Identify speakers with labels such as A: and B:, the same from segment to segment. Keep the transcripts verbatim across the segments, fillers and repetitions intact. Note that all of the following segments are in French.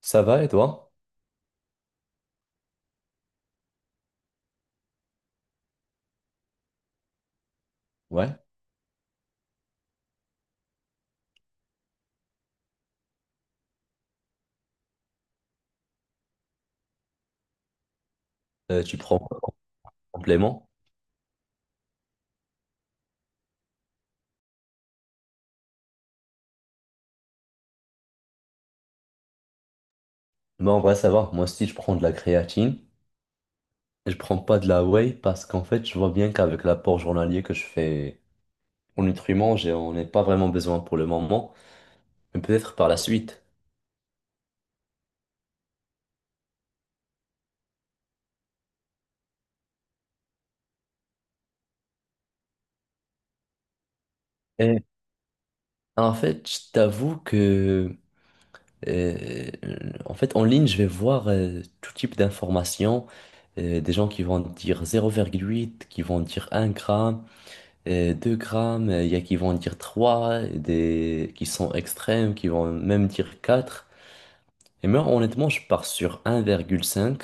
A: Ça va et toi? Ouais. Euh, tu prends quoi comme complément? Moi, en vrai, ça va. Moi aussi, je prends de la créatine. Je prends pas de la whey parce qu'en fait, je vois bien qu'avec l'apport journalier que je fais en nutriments, j'ai- on n'est pas vraiment besoin pour le moment, mais peut-être par la suite. Et en fait, je t'avoue que, euh, en fait, en ligne, je vais voir euh, tout type d'informations. Euh, des gens qui vont dire zéro virgule huit, qui vont dire un gramme. euh, deux grammes, il y a qui vont dire trois, des qui sont extrêmes, qui vont même dire quatre. Et moi, honnêtement, je pars sur un virgule cinq,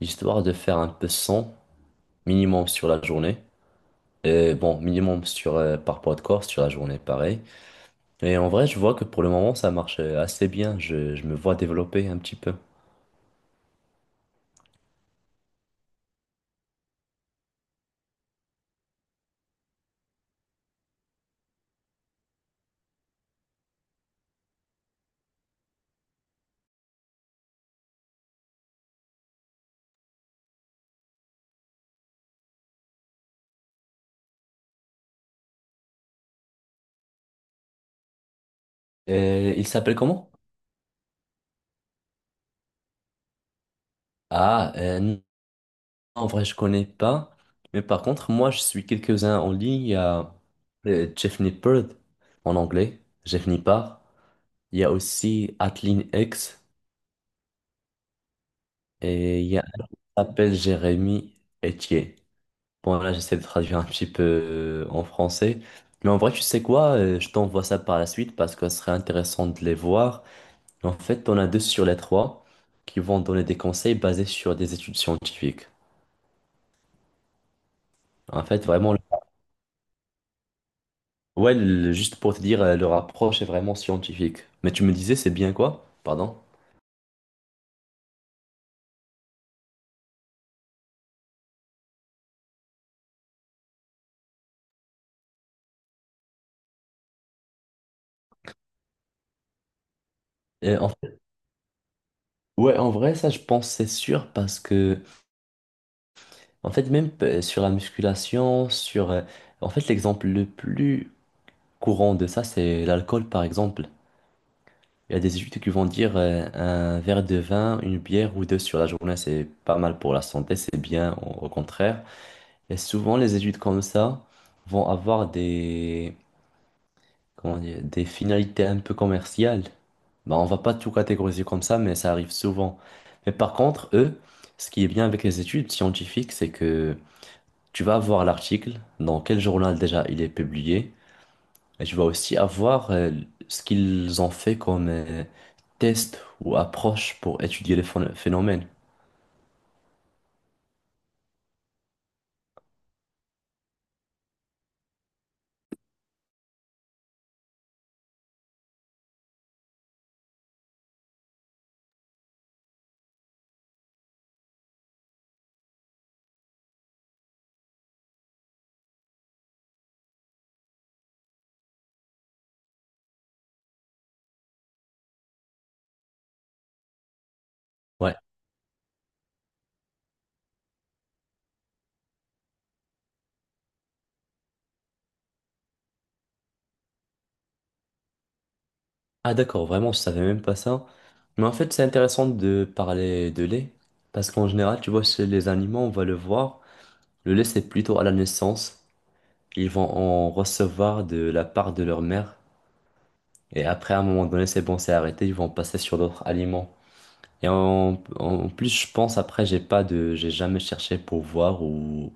A: histoire de faire un peu cent minimum sur la journée. Et bon, minimum sur, euh, par poids de corps sur la journée, pareil. Et en vrai, je vois que pour le moment, ça marche euh, assez bien. Je, je me vois développer un petit peu. Euh, il s'appelle comment? Ah, euh, En vrai, je connais pas. Mais par contre, moi, je suis quelques-uns en ligne. Il y a euh, Jeff Nippard en anglais, Jeff Nippard. Il y a aussi Atlin X et il y a un qui s'appelle Jérémy Etier. Bon, là, j'essaie de traduire un petit peu euh, en français. Mais en vrai, tu sais quoi? euh, Je t'envoie ça par la suite parce que ce serait intéressant de les voir. En fait, on a deux sur les trois qui vont donner des conseils basés sur des études scientifiques. En fait, vraiment. Ouais, le- juste pour te dire, euh, leur approche est vraiment scientifique. Mais tu me disais, c'est bien quoi? Pardon? Et en fait- ouais, en vrai, ça, je pense, c'est sûr, parce que, en fait, même euh, sur la musculation, sur. Euh, En fait, l'exemple le plus courant de ça, c'est l'alcool, par exemple. Il y a des études qui vont dire euh, un verre de vin, une bière ou deux sur la journée, c'est pas mal pour la santé, c'est bien, au au contraire. Et souvent, les études comme ça vont avoir des, comment dire, des finalités un peu commerciales. Bah, on va pas tout catégoriser comme ça, mais ça arrive souvent. Mais par contre, eux, ce qui est bien avec les études scientifiques, c'est que tu vas avoir l'article, dans quel journal déjà il est publié, et tu vas aussi avoir euh, ce qu'ils ont fait comme euh, test ou approche pour étudier les phon- phénomènes. Ouais. Ah d'accord, vraiment, je savais même pas ça. Mais en fait, c'est intéressant de parler de lait, parce qu'en général, tu vois, chez les animaux, on va le voir. Le lait, c'est plutôt à la naissance. Ils vont en recevoir de la part de leur mère. Et après, à un moment donné, c'est bon, c'est arrêté. Ils vont passer sur d'autres aliments. Et en, en plus, je pense, après, j'ai pas de, j'ai jamais cherché pour voir, ou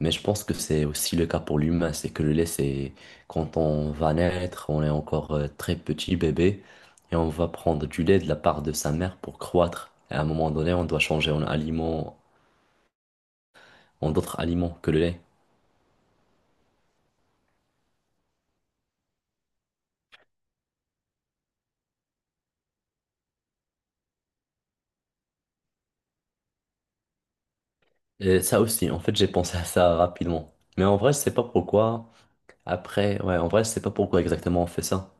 A: mais je pense que c'est aussi le cas pour l'humain. C'est que le lait, c'est quand on va naître, on est encore euh, très petit bébé et on va prendre du lait de la part de sa mère pour croître. Et à un moment donné, on doit changer en aliment, en d'autres aliments que le lait. Et ça aussi, en fait, j'ai pensé à ça rapidement. Mais en vrai, je sais pas pourquoi. Après, ouais, en vrai, je sais pas pourquoi exactement on fait ça.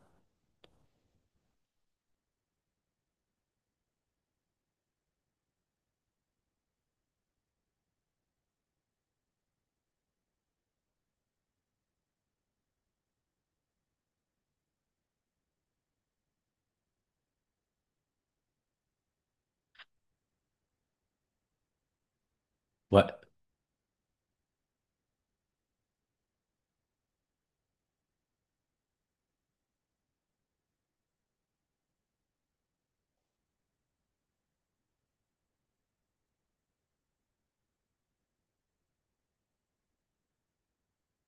A: Ouais.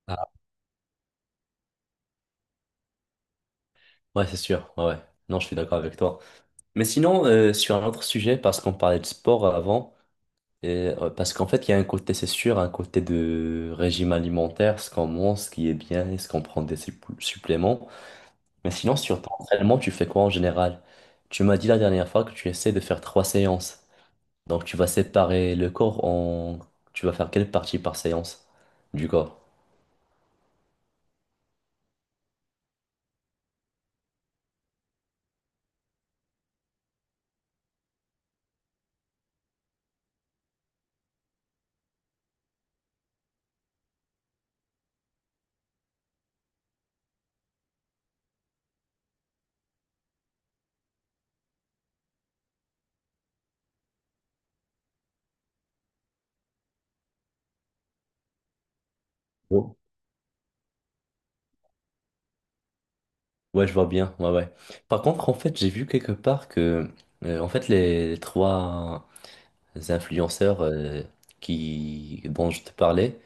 A: Ah, ouais, c'est sûr. Ouais, ouais. Non, je suis d'accord avec toi. Mais sinon, euh, sur un autre sujet, parce qu'on parlait de sport avant, et, euh, parce qu'en fait, il y a un côté, c'est sûr, un côté de régime alimentaire, ce qu'on mange, ce qui est bien, est-ce qu'on prend des supplé- suppléments. Mais sinon, sur ton entraînement, tu fais quoi en général? Tu m'as dit la dernière fois que tu essaies de faire trois séances. Donc tu vas séparer le corps en… Tu vas faire quelle partie par séance du corps? Oh. Ouais, je vois bien. Ouais, ouais. Par contre, en fait, j'ai vu quelque part que, euh, en fait, les trois influenceurs euh, qui… dont je te parlais,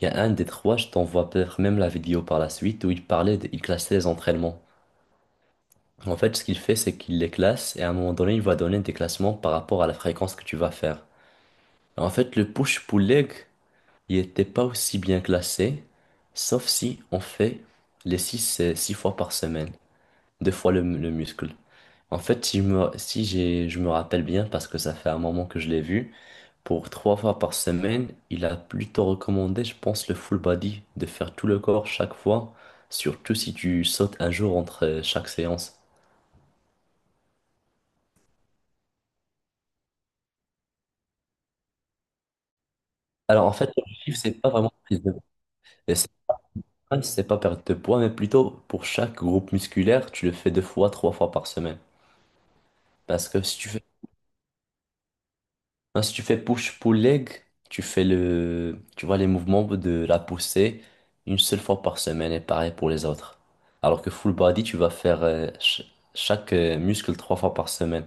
A: il y a un des trois, je t'envoie peut-être même la vidéo par la suite, où il parlait, de- il classait les entraînements. En fait, ce qu'il fait, c'est qu'il les classe et à un moment donné, il va donner des classements par rapport à la fréquence que tu vas faire. En fait, le push-pull leg, il n'était pas aussi bien classé, sauf si on fait les 6 six fois par semaine, deux fois le, le muscle. En fait, si, je me, si j'ai, je me rappelle bien, parce que ça fait un moment que je l'ai vu, pour trois fois par semaine, il a plutôt recommandé, je pense, le full body, de faire tout le corps chaque fois, surtout si tu sautes un jour entre euh, chaque séance. Alors en fait, l'objectif, c'est pas vraiment prise de, et c'est pas c'est pas perdre de poids, mais plutôt pour chaque groupe musculaire, tu le fais deux fois, trois fois par semaine. Parce que si tu fais… Non, si tu fais push-pull-leg, tu fais le, tu vois les mouvements de la poussée une seule fois par semaine et pareil pour les autres. Alors que full body, tu vas faire euh, ch- chaque euh, muscle trois fois par semaine.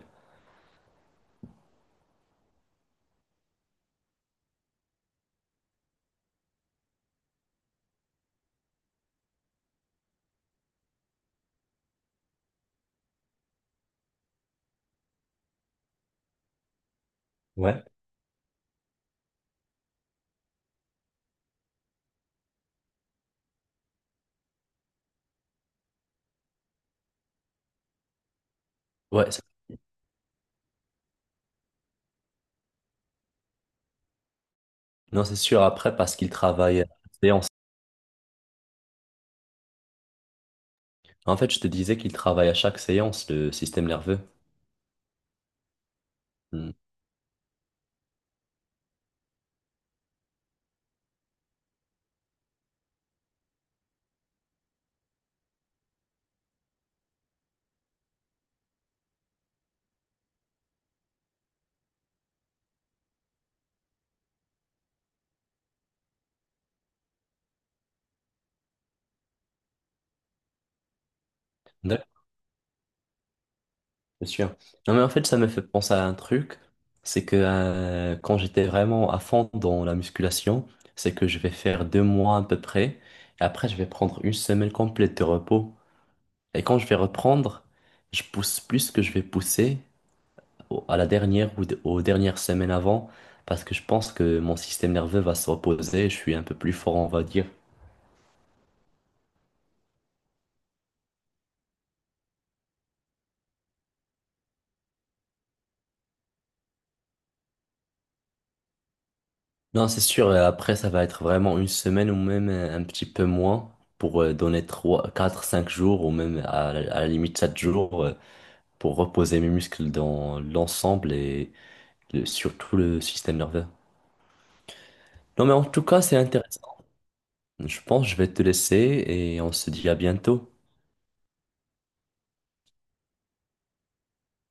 A: Ouais. Ouais, c'est- non, c'est sûr, après, parce qu'il travaille à chaque séance. En fait, je te disais qu'il travaille à chaque séance, le système nerveux. Hmm. Bien sûr. Non, mais en fait, ça me fait penser à un truc, c'est que euh, quand j'étais vraiment à fond dans la musculation, c'est que je vais faire deux mois à peu près, et après, je vais prendre une semaine complète de repos. Et quand je vais reprendre, je pousse plus que je vais pousser au- à la dernière ou d- aux dernières semaines avant, parce que je pense que mon système nerveux va se reposer, je suis un peu plus fort, on va dire. Non, c'est sûr, et après, ça va être vraiment une semaine ou même euh, un petit peu moins, pour euh, donner trois quatre cinq jours ou même à, la à la limite sept jours, euh, pour reposer mes muscles dans l'ensemble et le- surtout le système nerveux. Non, mais en tout cas, c'est intéressant. Je pense que je vais te laisser et on se dit à bientôt.